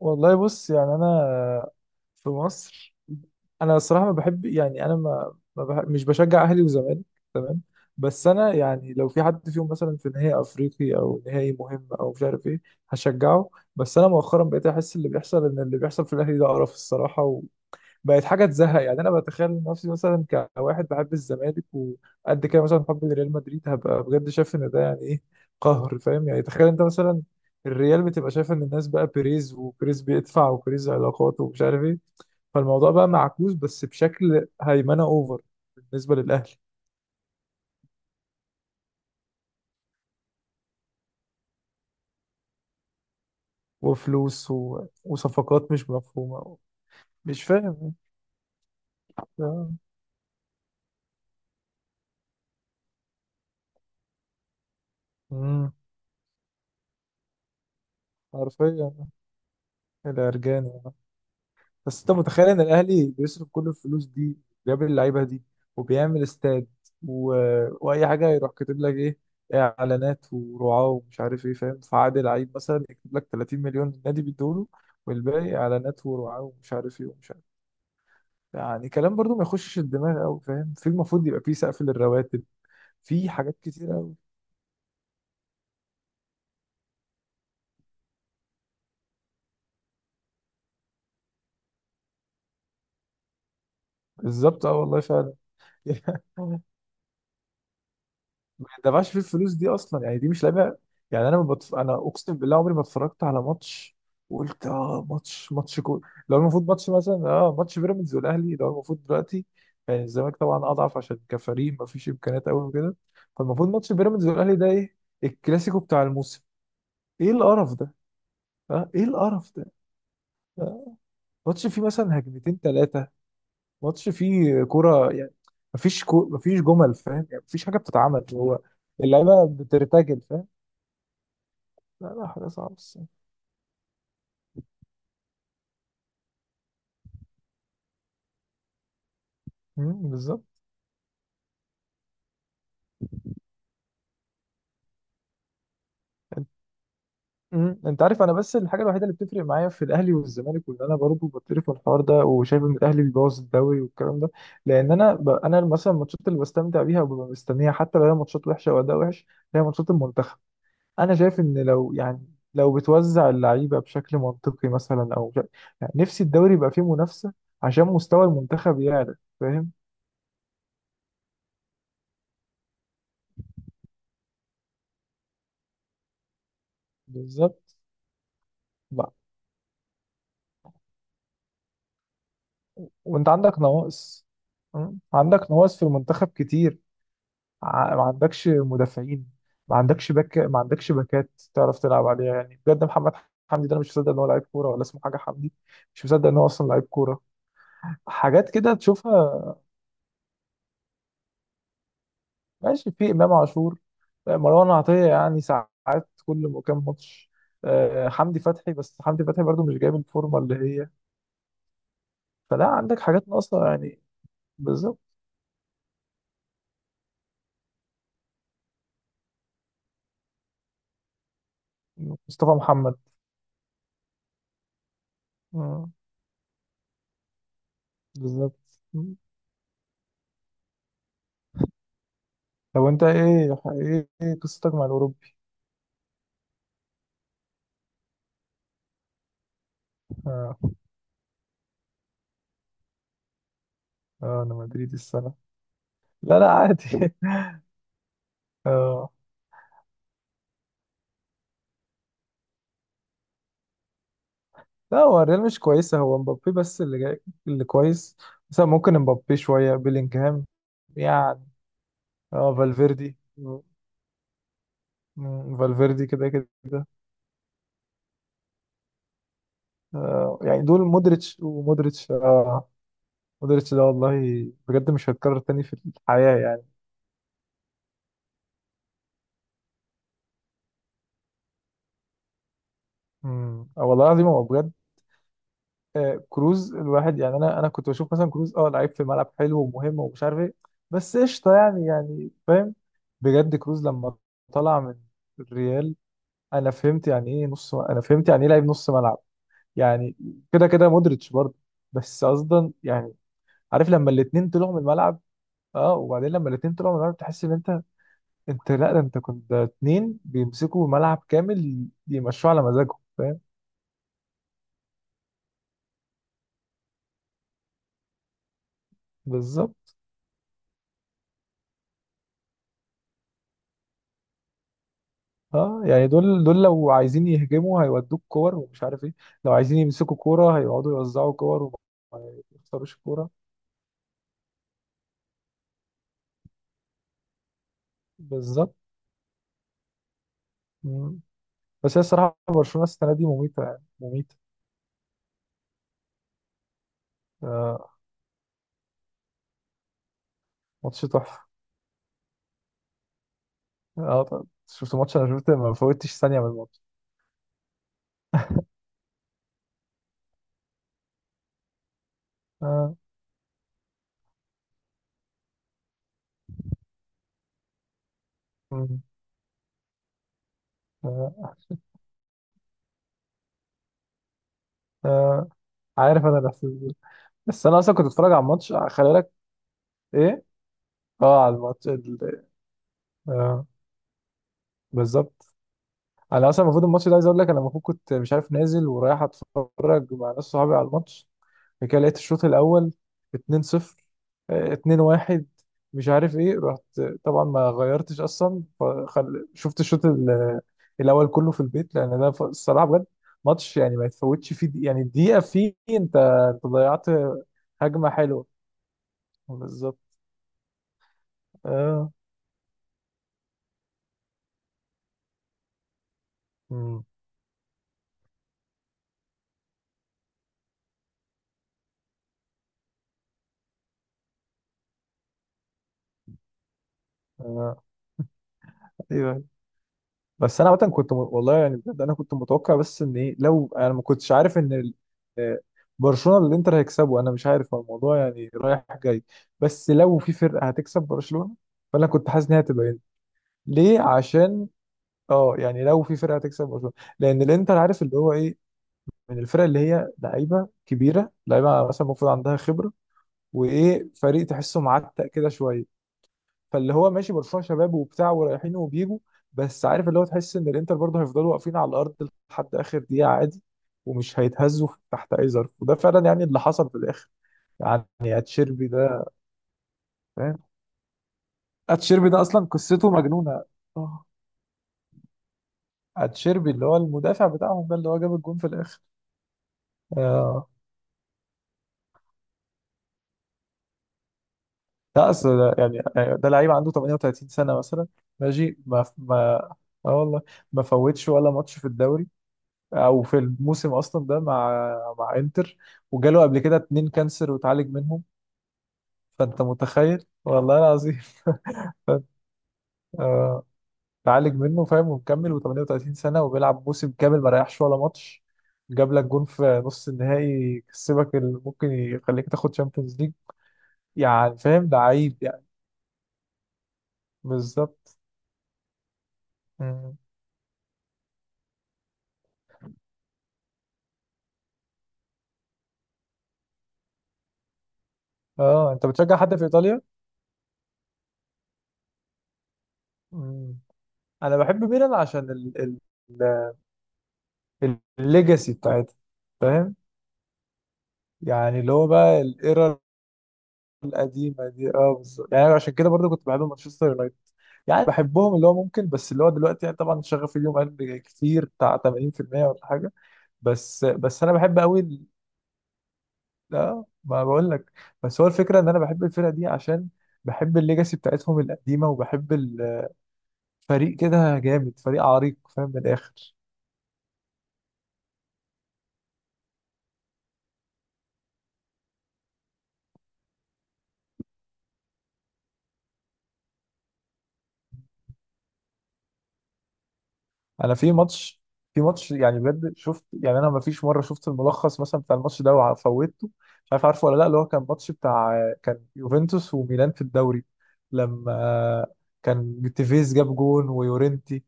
والله بص يعني انا في مصر انا الصراحه ما بحب يعني انا ما, ما بح... مش بشجع اهلي وزمالك. تمام. بس انا يعني لو في حد فيهم مثلا في نهائي افريقي او نهائي مهم او مش عارف ايه هشجعه. بس انا مؤخرا بقيت احس اللي بيحصل في الاهلي ده قرف الصراحه. بقت حاجه تزهق، يعني انا بتخيل نفسي مثلا كواحد بحب الزمالك وقد كده، مثلا حب لريال مدريد، هبقى بجد شايف ان ده يعني ايه؟ قهر، فاهم؟ يعني تخيل انت مثلا الريال بتبقى شايف ان الناس بقى بيريز، وبيريز بيدفع، وبيريز علاقات ومش عارف ايه. فالموضوع بقى معكوس بس بشكل هيمنه اوفر بالنسبه للاهلي. وصفقات مش مفهومه. مش فاهم. آه. مم. حرفيا الارجان. بس انت متخيل ان الاهلي بيصرف كل الفلوس دي، بيقابل اللعيبه دي، وبيعمل استاد و... واي حاجه، يروح كاتب لك ايه؟ اعلانات ورعاه ومش عارف ايه، فاهم؟ فعادي لعيب مثلا يكتب لك 30 مليون النادي بيدوله والباقي اعلانات ورعاه ومش عارف ايه ومش عارف. يعني كلام برضو ما يخشش الدماغ قوي، فاهم؟ في المفروض يبقى في سقف للرواتب، في حاجات كتير قوي. بالظبط، اه والله فعلا. ما يدفعش فيه الفلوس دي اصلا، يعني دي مش لعيبه. يعني انا اقسم بالله عمري ما اتفرجت على ماتش وقلت اه ماتش، ماتش كو لو المفروض ماتش مثلا، اه، ماتش بيراميدز والاهلي، لو المفروض دلوقتي، يعني الزمالك طبعا اضعف عشان كفريق ما فيش امكانيات قوي وكده، فالمفروض ماتش بيراميدز والاهلي ده ايه؟ الكلاسيكو بتاع الموسم. ايه القرف ده؟ اه، ايه القرف ده؟ آه. ماتش فيه مثلا هجمتين ثلاثه، ماتش فيه كوره يعني. مفيش جمل، فاهم؟ يعني مفيش حاجه بتتعمل. هو اللعيبه بترتجل، فاهم؟ لا لا، حاجة صعبة الصراحة. أمم، بالظبط. أمم، انت عارف انا بس الحاجة الوحيدة اللي بتفرق معايا في الاهلي والزمالك، وان انا برضه بتقرف من الحوار ده وشايف ان الاهلي بيبوظ الدوري والكلام ده، انا مثلا الماتشات اللي بستمتع بيها وببقى مستنيها، حتى لو هي ماتشات وحشة واداء وحش، هي ماتشات المنتخب. انا شايف ان لو يعني، لو بتوزع اللعيبة بشكل منطقي مثلا يعني نفسي الدوري يبقى فيه منافسة عشان مستوى المنتخب يعلى، فاهم؟ بالظبط. بقى. وانت عندك نواقص. أمم، عندك نواقص في المنتخب كتير. ما عندكش مدافعين، ما عندكش باك، ما عندكش باكات تعرف تلعب عليها، يعني بجد محمد حمدي ده انا مش مصدق ان هو لعيب كوره، ولا اسمه حاجه حمدي. مش مصدق ان هو اصلا لعيب كوره. حاجات كده تشوفها. ماشي، في امام عاشور، آه، مروان عطيه يعني ساعات، كام ماتش، آه، حمدي فتحي، بس حمدي فتحي برضو مش جايب الفورمه اللي هي. فلا عندك حاجات ناقصه يعني. بالظبط. مصطفى محمد. آه، بالظبط. طب وانت ايه إيه قصتك مع الاوروبي؟ اه. اه انا مدريد السنه. لا لا عادي. اه. لا هو الريال مش كويسة، هو مبابي بس اللي جاي اللي كويس. مثلا ممكن مبابي، شوية بيلينجهام يعني، اه، فالفيردي. مم، فالفيردي كده كده. آه يعني دول، مودريتش اه. مودريتش ده والله بجد مش هيتكرر تاني في الحياة يعني. مم، آه، والله العظيم هو بجد. آه، كروز، الواحد يعني انا انا كنت بشوف مثلا كروز اه لعيب في الملعب حلو ومهم ومش عارف ايه، بس قشطه يعني، يعني فاهم. بجد كروز لما طلع من الريال انا فهمت يعني ايه نص، انا فهمت يعني ايه لعيب نص ملعب. يعني كده كده مودريتش برضه، بس قصدا يعني. عارف لما الاثنين طلعوا من الملعب، اه وبعدين لما الاثنين طلعوا من الملعب تحس ان انت، انت لا ده انت كنت ده اتنين بيمسكوا ملعب كامل يمشوه على مزاجهم، فاهم. بالظبط. اه يعني دول، دول لو عايزين يهجموا هيودوك كور ومش عارف ايه، لو عايزين يمسكوا كورة هيقعدوا يوزعوا كور وما يختاروش كورة. بالظبط. مم. بس هي الصراحة برشلونة السنة دي مميتة، يعني مميتة. آه. ماتش تحفة. اه طب شفت ماتش، انا شفت ما فوتش ثانية من الماتش. آه. مم. آه. آه. عارف انا الاحساس ده. بس انا اصلا كنت اتفرج على الماتش خلي بالك. ايه، اه، على آه. بالظبط. انا اصلا المفروض الماتش ده، عايز اقول لك انا المفروض كنت مش عارف نازل ورايح اتفرج مع ناس صحابي على الماتش، بعد كده لقيت الشوط الاول 2-0، آه، 2-1، مش عارف ايه، رحت طبعا ما غيرتش اصلا شفت الاول كله في البيت، لان ده الصراحه بجد ماتش يعني ما يتفوتش فيه يعني الدقيقه فيه انت، انت ضيعت هجمه حلوه. بالظبط. اه. امم. آه. أيوة. بس انا عامه والله يعني بجد انا كنت متوقع، بس ان ايه لو انا ما كنتش عارف ان آه، برشلونه اللي انتر هيكسبه انا مش عارف، هو الموضوع يعني رايح جاي، بس لو في فرقه هتكسب برشلونه فانا كنت حاسس ان هي هتبقى انتر. ليه؟ عشان، اه يعني لو في فرقه هتكسب برشلونه، لان الانتر عارف اللي هو ايه، من الفرق اللي هي لعيبه كبيره، لعيبه مثلا المفروض عندها خبره، وايه، فريق تحسه معتق كده شويه، فاللي هو ماشي برشلونه شباب وبتاع ورايحين وبيجوا، بس عارف اللي هو تحس ان الانتر برضه هيفضلوا واقفين على الارض لحد اخر دقيقه عادي ومش هيتهزوا تحت اي ظرف. وده فعلا يعني اللي حصل في الاخر يعني. اتشيربي ده، فاهم؟ اتشيربي ده اصلا قصته مجنونه. آه. اتشيربي اللي هو المدافع بتاعهم ده، اللي هو جاب الجون في الاخر. آه. ده اصل ده يعني، آه، ده لعيب عنده 38 سنه مثلا. ماشي ما ما اه والله ما فوتش ولا ماتش في الدوري او في الموسم اصلا ده، مع مع انتر، وجاله قبل كده اتنين كانسر وتعالج منهم. فانت متخيل والله العظيم. آه، اتعالج منه فاهم، ومكمل، و38 سنه وبيلعب موسم كامل ما ريحش ولا ماتش، جاب لك جون في نص النهائي يكسبك اللي ممكن يخليك تاخد شامبيونز ليج، يعني فاهم لعيب يعني. بالظبط. مم. اه انت بتشجع حد في ايطاليا؟ مم. انا بحب ميلان عشان الليجاسي بتاعتها، فاهم يعني، اللي هو بقى الايرا القديمه دي، اه بالظبط. يعني أنا عشان كده برضه كنت بحب مانشستر يونايتد، يعني بحبهم، اللي هو ممكن، بس اللي هو دلوقتي يعني طبعا شغفي اليوم قل كتير بتاع 80%، ولا حاجه. بس انا بحب قوي لا ما بقول لك، بس هو الفكره ان انا بحب الفرقه دي عشان بحب الليجاسي بتاعتهم القديمه، وبحب الفريق كده جامد، فريق عريق، فاهم، من الاخر. انا في ماتش، في ماتش يعني بجد شفت، يعني انا ما فيش مره شفت الملخص مثلا بتاع الماتش ده وفوتته، مش عارف عارفه ولا لا، اللي هو كان ماتش بتاع، كان يوفنتوس وميلان في الدوري، لما كان تيفيز جاب جون ويورنتي،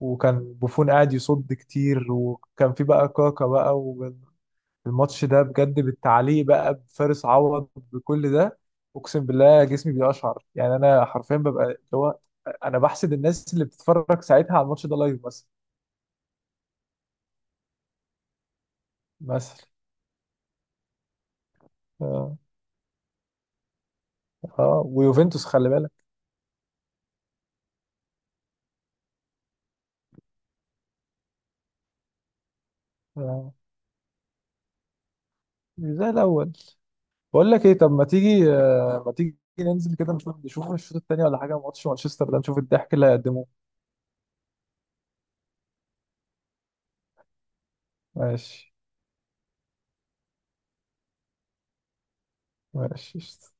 وكان بوفون قاعد يصد كتير، وكان في بقى كاكا بقى، والماتش ده بجد بالتعليق بقى بفارس عوض بكل ده، اقسم بالله جسمي بيقشعر، يعني انا حرفيا ببقى اللي هو، انا بحسد الناس اللي بتتفرج ساعتها على الماتش ده لايف مثلا. مثلا. اه. اه ويوفنتوس خلي بالك. اه. مش زي الاول. بقول لك ايه، طب ما تيجي، آه ما تيجي ننزل كده نشوف، نشوف الشوط الثاني ولا حاجه، ماتش مانشستر ده، نشوف الضحك اللي هيقدموه. ماشي. ماشي قشطة.